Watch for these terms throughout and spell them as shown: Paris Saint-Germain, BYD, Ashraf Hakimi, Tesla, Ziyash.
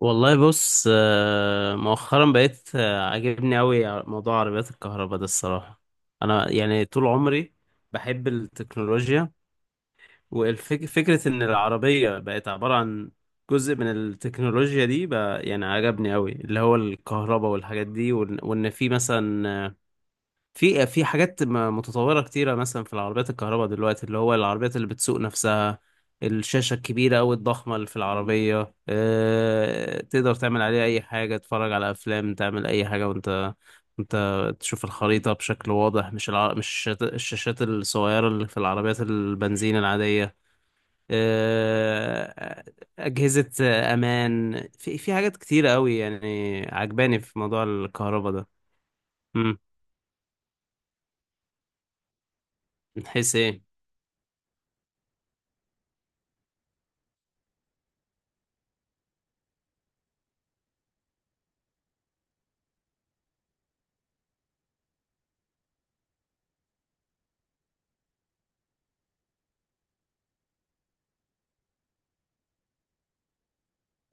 والله بص مؤخرا بقيت عاجبني قوي موضوع عربيات الكهرباء ده الصراحة. انا يعني طول عمري بحب التكنولوجيا، وفكرة ان العربية بقت عبارة عن جزء من التكنولوجيا دي بقى يعني عجبني قوي، اللي هو الكهرباء والحاجات دي، وإن في مثلا في حاجات متطورة كتيرة مثلا في العربيات الكهرباء دلوقتي، اللي هو العربيات اللي بتسوق نفسها، الشاشة الكبيرة أو الضخمة اللي في العربية، أه تقدر تعمل عليها أي حاجة، تتفرج على أفلام، تعمل أي حاجة، وأنت تشوف الخريطة بشكل واضح، مش الشاشات الصغيرة اللي في العربيات البنزين العادية. أه، أجهزة أمان، في حاجات كتيرة أوي يعني عجباني في موضوع الكهرباء ده. مم. من حيث إيه؟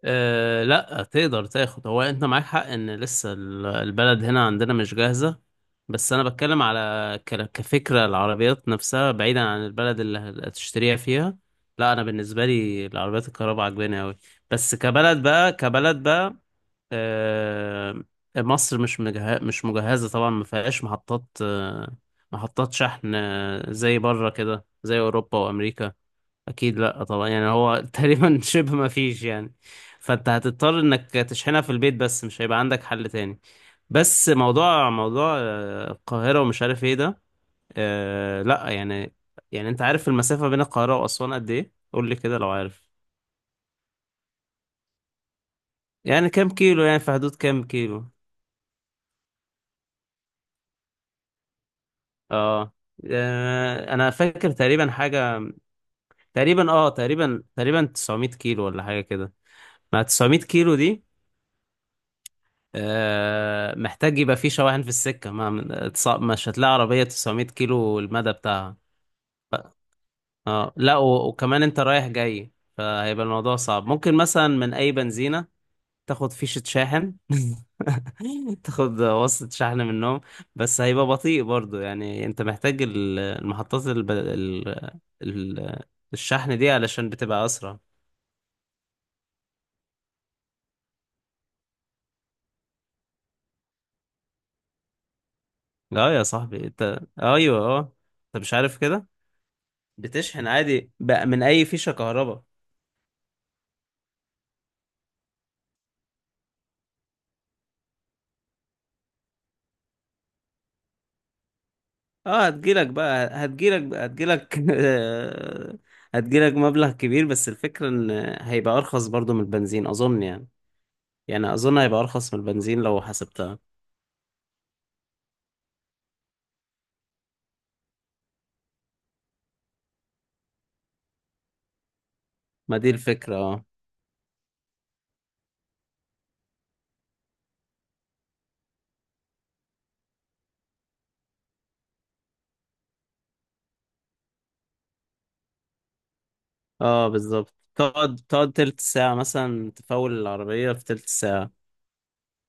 أه لا تقدر تاخد، هو انت معاك حق ان لسه البلد هنا عندنا مش جاهزة. بس انا بتكلم على كفكرة العربيات نفسها بعيدا عن البلد اللي هتشتريها فيها. لا انا بالنسبة لي العربيات الكهرباء عجباني اوي. بس كبلد بقى، كبلد بقى، أه مصر مش مجهزة طبعا، ما فيهاش محطات محطات شحن، زي بره كده، زي اوروبا وامريكا. اكيد لا طبعا، يعني هو تقريبا شبه ما فيش يعني. فانت هتضطر انك تشحنها في البيت، بس مش هيبقى عندك حل تاني. بس موضوع القاهرة ومش عارف ايه ده، آه لا يعني. يعني انت عارف المسافة بين القاهرة واسوان قد ايه؟ قول لي كده لو عارف. يعني كام كيلو؟ يعني في حدود كام كيلو؟ اه انا فاكر تقريبا حاجة، تقريبا اه، تقريبا، تقريبا 900 كيلو ولا حاجة كده. مع 900 كيلو دي، محتاج يبقى فيه شواحن في السكة. ما اتص- مش هتلاقي عربية 900 كيلو المدى بتاعها. اه لا، وكمان انت رايح جاي، فهيبقى الموضوع صعب. ممكن مثلا من اي بنزينة تاخد فيشة شاحن تاخد وصلة شحن منهم، بس هيبقى بطيء برضو. يعني انت محتاج المحطات ال... الشحن دي علشان بتبقى اسرع. اه يا صاحبي، انت ايوه اه، انت مش عارف كده؟ بتشحن عادي بقى من اي فيشة كهرباء. اه هتجيلك بقى، هتجيلك بقى، هتجيلك هتجيلك مبلغ كبير، بس الفكرة ان هيبقى ارخص برضو من البنزين اظن يعني. يعني اظن هيبقى ارخص من البنزين لو حسبتها. ما دي الفكرة اه. اه بالظبط، تقعد تلت ساعة مثلا، تفول العربية في تلت ساعة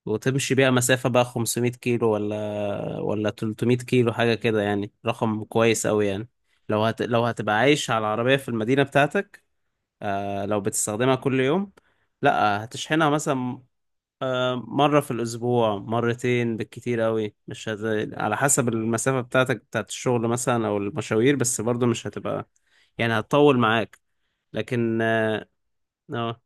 وتمشي بيها مسافة بقى 500 كيلو ولا ولا 300 كيلو، حاجة كده يعني رقم كويس أوي يعني. لو هتبقى عايش على العربية في المدينة بتاعتك، لو بتستخدمها كل يوم، لا هتشحنها مثلا مرة في الأسبوع، مرتين بالكتير قوي، مش هت... على حسب المسافة بتاعتك بتاعت الشغل مثلا أو المشاوير، بس برضو مش هتبقى يعني، هتطول معاك، لكن اه. اه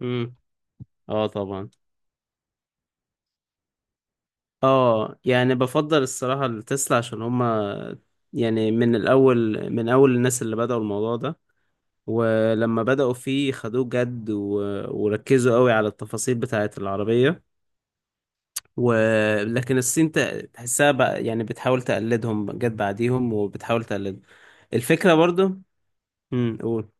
مم، آه طبعا. اه يعني بفضل الصراحة التسلا عشان هما يعني من الأول، من أول الناس اللي بدأوا الموضوع ده، ولما بدأوا فيه خدوه جد و... وركزوا قوي على التفاصيل بتاعت العربية. ولكن الصين تحسها بقى يعني بتحاول تقلدهم، جت بعديهم وبتحاول تقلد. الفكرة برضو. قول.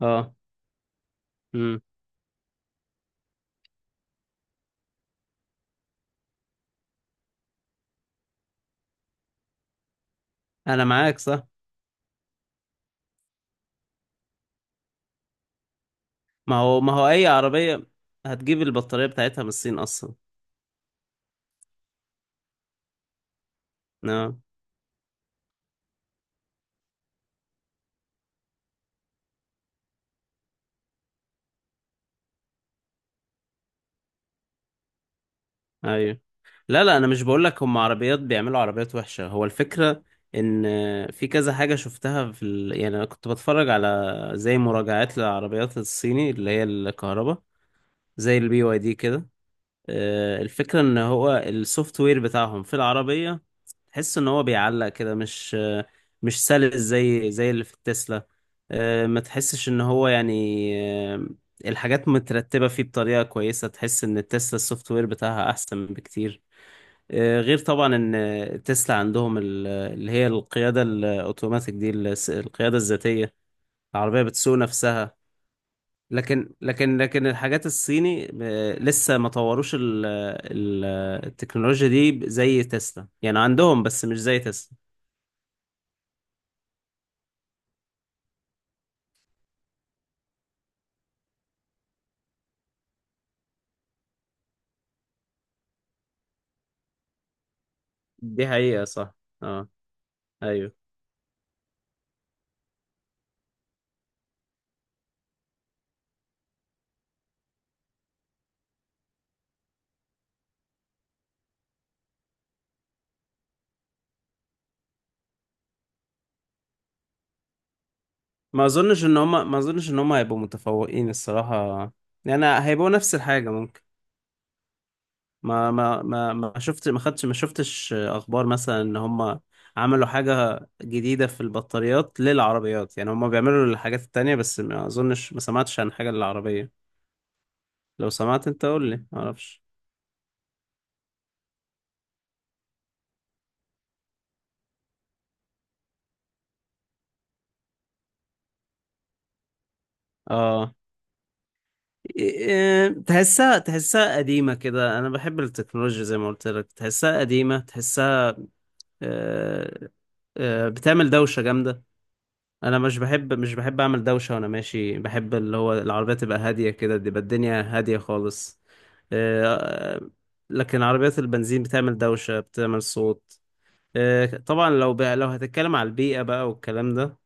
اه. امم. انا معاك صح. ما هو، ما هو اي عربية هتجيب البطارية بتاعتها من الصين اصلا. اه. ايوه. لا لا، انا مش بقول لك هم عربيات بيعملوا عربيات وحشة، هو الفكرة ان في كذا حاجة شفتها في يعني انا كنت بتفرج على زي مراجعات للعربيات الصيني اللي هي الكهرباء، زي البي واي دي كده. الفكرة ان هو السوفت وير بتاعهم في العربية تحس ان هو بيعلق كده، مش سلس زي اللي في التسلا. ما تحسش ان هو يعني آه، الحاجات مترتبة فيه بطريقة كويسة، تحس ان التسلا السوفت وير بتاعها احسن بكتير. غير طبعا ان تسلا عندهم اللي هي القيادة الاوتوماتيك دي، القيادة الذاتية، العربية بتسوق نفسها. لكن لكن لكن الحاجات الصيني لسه ما طوروش التكنولوجيا دي زي تسلا، يعني عندهم بس مش زي تسلا. دي حقيقة صح. اه. ايوه. ما اظنش ان هم، ما اظنش ان هم هيبقوا متفوقين الصراحة. يعني هيبقوا نفس الحاجة ممكن. ما ما شفتش اخبار مثلا ان هم عملوا حاجة جديدة في البطاريات للعربيات. يعني هم بيعملوا الحاجات التانية بس ما اظنش، ما سمعتش عن حاجة للعربية. لو سمعت انت قول لي، معرفش. اه. إيه، تحسها، تحسها قديمة كده. أنا بحب التكنولوجيا زي ما قلت لك، تحسها قديمة، تحسها آه، بتعمل دوشة جامدة. أنا مش بحب أعمل دوشة وأنا ماشي، بحب اللي هو العربية تبقى هادية كده، تبقى الدنيا هادية خالص. آه، لكن عربيات البنزين بتعمل دوشة، بتعمل صوت. طبعا لو هتتكلم على البيئة بقى والكلام ده،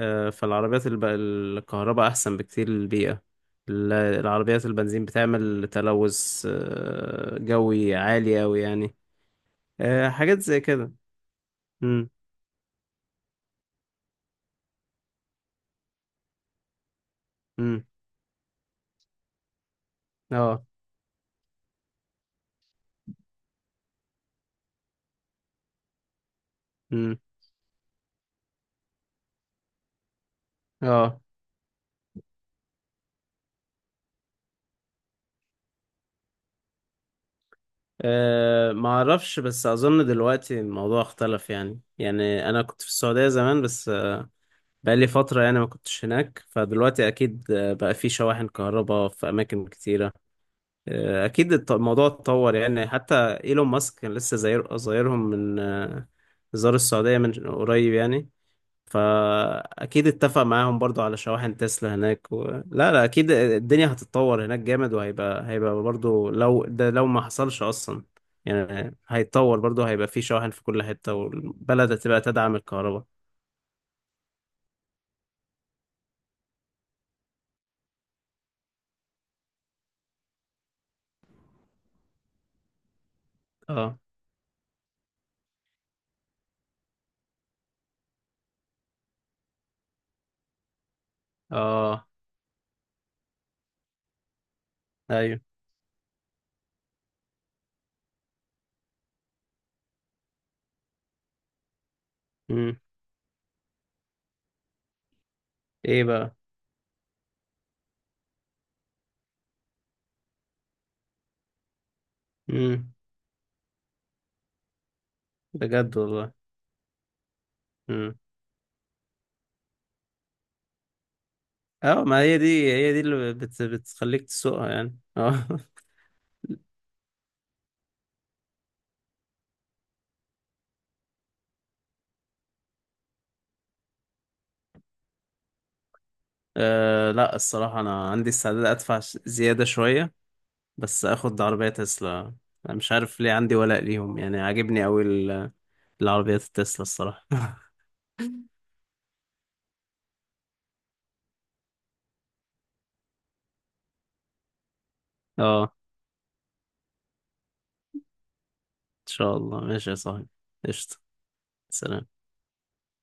الكهرباء أحسن بكتير للبيئة. العربيات البنزين بتعمل تلوث جوي عالي أوي يعني. حاجات زي كده. مم. مم. اه. مم. اه ما اعرفش، بس اظن دلوقتي الموضوع اختلف يعني. يعني انا كنت في السعودية زمان، بس بقالي فترة يعني ما كنتش هناك. فدلوقتي اكيد بقى في شواحن كهرباء في اماكن كتيرة. اكيد الموضوع اتطور يعني. حتى ايلون ماسك كان لسه زاير، زايرهم من آه، زار السعوديه من قريب يعني. فاكيد اتفق معاهم برضو على شواحن تسلا هناك و... لا لا اكيد الدنيا هتتطور هناك جامد، وهيبقى، هيبقى برضو لو ده لو ما حصلش اصلا، يعني هيتطور برضو، هيبقى في شواحن في كل حته، والبلد هتبقى تدعم الكهرباء. اه. اه. ايوه. امم. ايه بقى؟ امم. بجد والله. مم. اه ما هي دي، هي دي اللي بت بتخليك تسوقها يعني اه لا الصراحة أنا عندي استعداد أدفع زيادة شوية بس أخد عربية تسلا. أنا مش عارف ليه عندي ولاء ليهم، يعني عاجبني أوي العربيات التسلا الصراحة اه إن شاء الله. ماشي يا صاحبي. قشطة. سلام.